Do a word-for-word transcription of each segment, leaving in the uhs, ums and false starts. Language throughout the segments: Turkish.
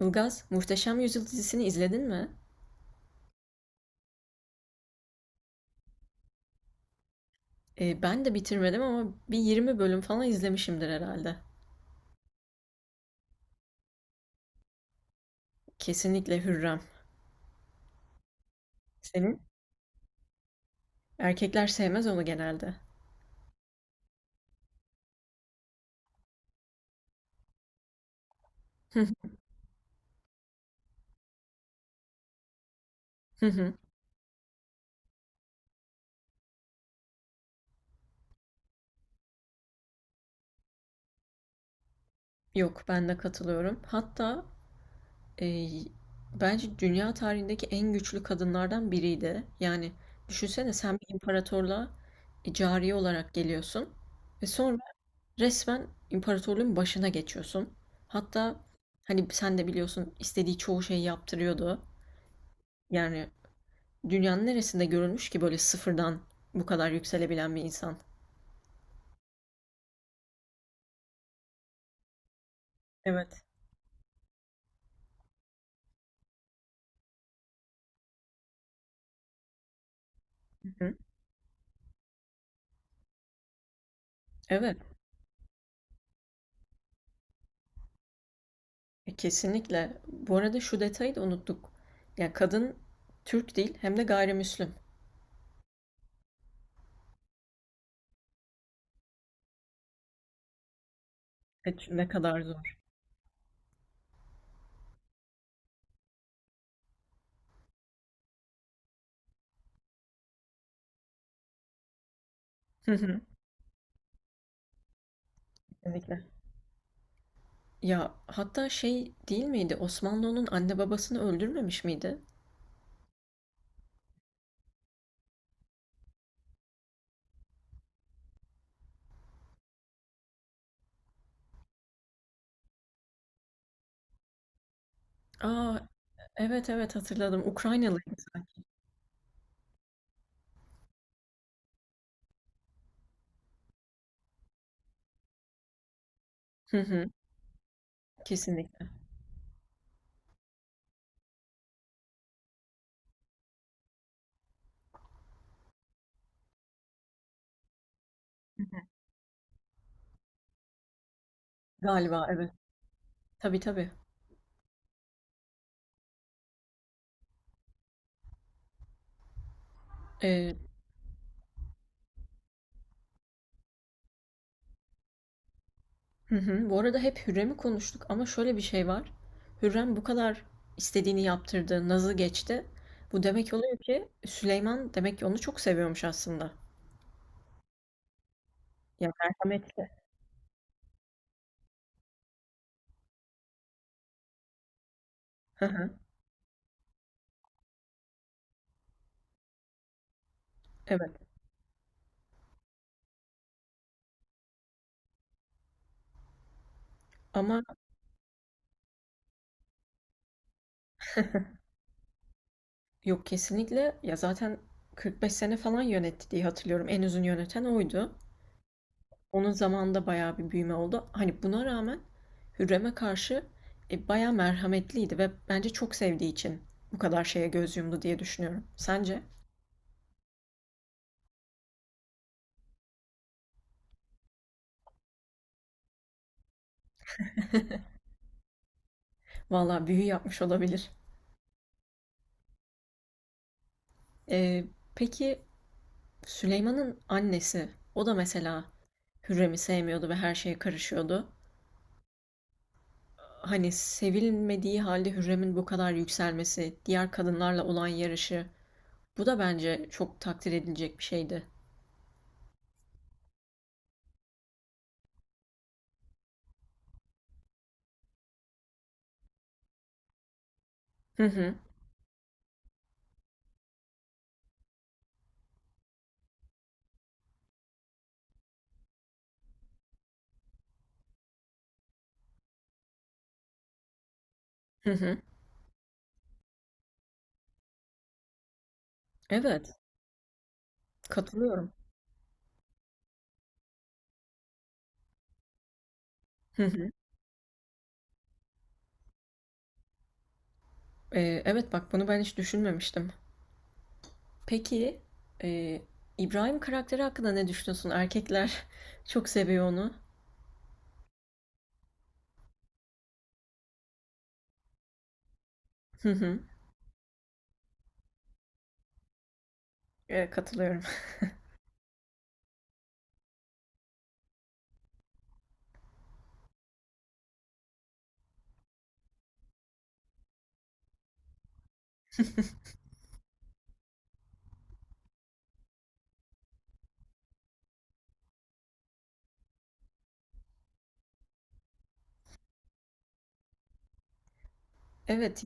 Ilgaz, Muhteşem Yüzyıl dizisini izledin mi? E, ben de bitirmedim ama bir yirmi bölüm falan izlemişimdir herhalde. Kesinlikle Hürrem. Senin? Erkekler sevmez onu genelde. Yok, ben de katılıyorum. Hatta e, bence dünya tarihindeki en güçlü kadınlardan biriydi. Yani düşünsene sen bir imparatorluğa e, cariye olarak geliyorsun ve sonra resmen imparatorluğun başına geçiyorsun. Hatta hani sen de biliyorsun istediği çoğu şeyi yaptırıyordu. Yani dünyanın neresinde görülmüş ki böyle sıfırdan bu kadar yükselebilen bir insan? Evet. Hı hı. Evet. E, kesinlikle. Bu arada şu detayı da unuttuk. Yani kadın Türk değil hem de gayrimüslim. Evet, ne kadar zor. Hı hı. Kesinlikle. Ya hatta şey değil miydi? Osmanlı'nın anne babasını öldürmemiş miydi? Aa, evet evet hatırladım. Ukraynalıydı sanki. Hı hı. Kesinlikle. Galiba evet. Tabii tabii. Ee, hı hı. Bu arada hep Hürrem'i konuştuk ama şöyle bir şey var. Hürrem bu kadar istediğini yaptırdı, nazı geçti. Bu demek oluyor ki Süleyman demek ki onu çok seviyormuş aslında. Ya merhametli. Hı hı. Evet. Ama yok kesinlikle ya zaten kırk beş sene falan yönetti diye hatırlıyorum. En uzun yöneten oydu. Onun zamanında bayağı bir büyüme oldu. Hani buna rağmen Hürrem'e karşı e, bayağı merhametliydi ve bence çok sevdiği için bu kadar şeye göz yumdu diye düşünüyorum. Sence? Valla büyü yapmış olabilir. Ee, peki Süleyman'ın annesi, o da mesela Hürrem'i sevmiyordu ve her şeye karışıyordu. Hani sevilmediği halde Hürrem'in bu kadar yükselmesi, diğer kadınlarla olan yarışı, bu da bence çok takdir edilecek bir şeydi. Hı hı, hı hı. Evet, katılıyorum. Hı hı. Ee, evet bak bunu ben hiç düşünmemiştim. Peki e, İbrahim karakteri hakkında ne düşünüyorsun? Erkekler çok seviyor onu. Hı hı. Ee, katılıyorum. Evet.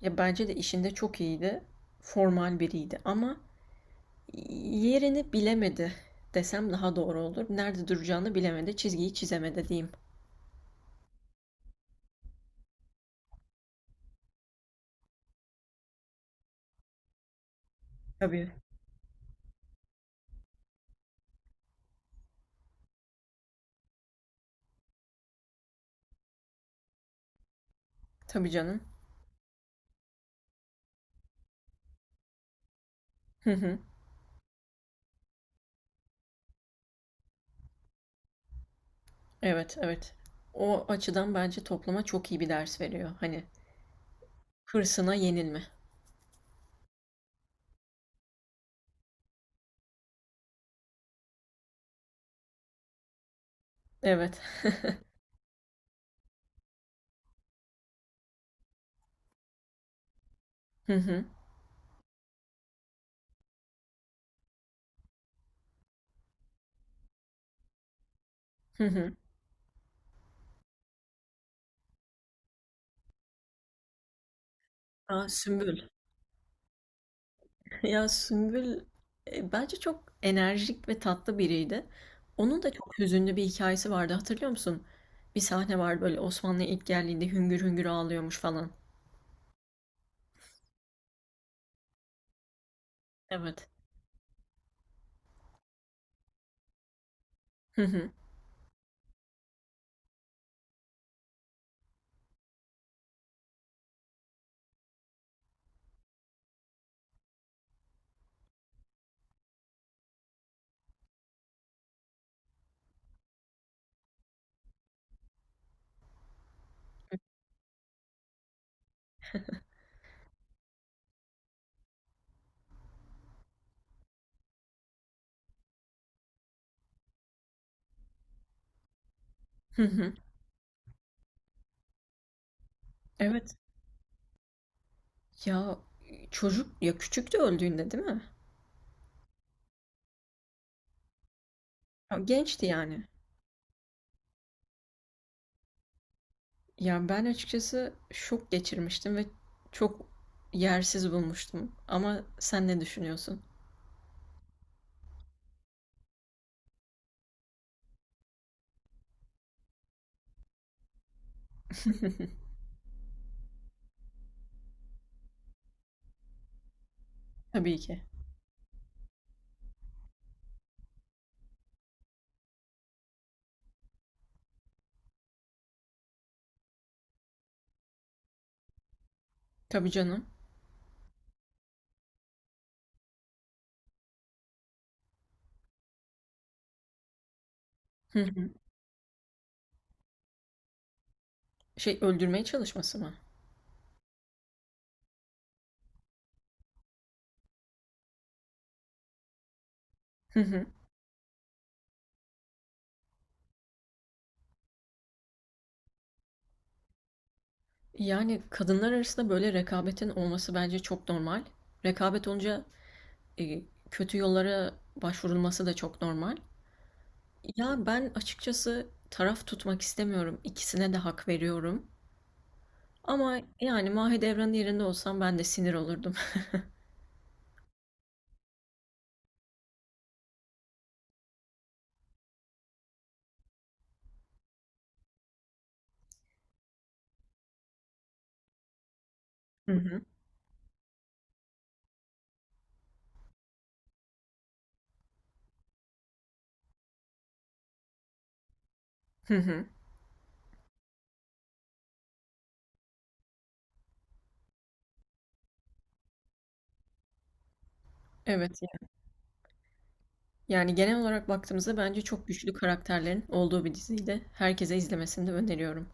Ya bence de işinde çok iyiydi. Formal biriydi ama yerini bilemedi desem daha doğru olur. Nerede duracağını bilemedi, çizgiyi çizemedi diyeyim. Tabii. Tabii canım. Hı hı. Evet, evet. O açıdan bence topluma çok iyi bir ders veriyor. Hani hırsına yenilme. Evet. Hı hı. Hı hı. Aa, Sümbül. Ya Sümbül, e, bence çok enerjik ve tatlı biriydi. Onun da çok hüzünlü bir hikayesi vardı hatırlıyor musun? Bir sahne var böyle Osmanlı'ya ilk geldiğinde hüngür hüngür ağlıyormuş falan. Evet. Hı hı. Hı hı. Evet. Ya çocuk ya küçüktü öldüğünde değil mi? Ya, gençti yani. Ya ben açıkçası şok geçirmiştim ve çok yersiz bulmuştum. Ama sen ne düşünüyorsun? Tabii ki. Tabii canım. Hı hı. Şey öldürmeye çalışması mı? Yani kadınlar arasında böyle rekabetin olması bence çok normal. Rekabet olunca e, kötü yollara başvurulması da çok normal. Ya ben açıkçası taraf tutmak istemiyorum. İkisine de hak veriyorum. Ama yani Mahidevran'ın yerinde olsam ben de sinir olurdum. Hı hı. Hı hı. Evet. Yani genel olarak baktığımızda bence çok güçlü karakterlerin olduğu bir diziydi. Herkese izlemesini de öneriyorum.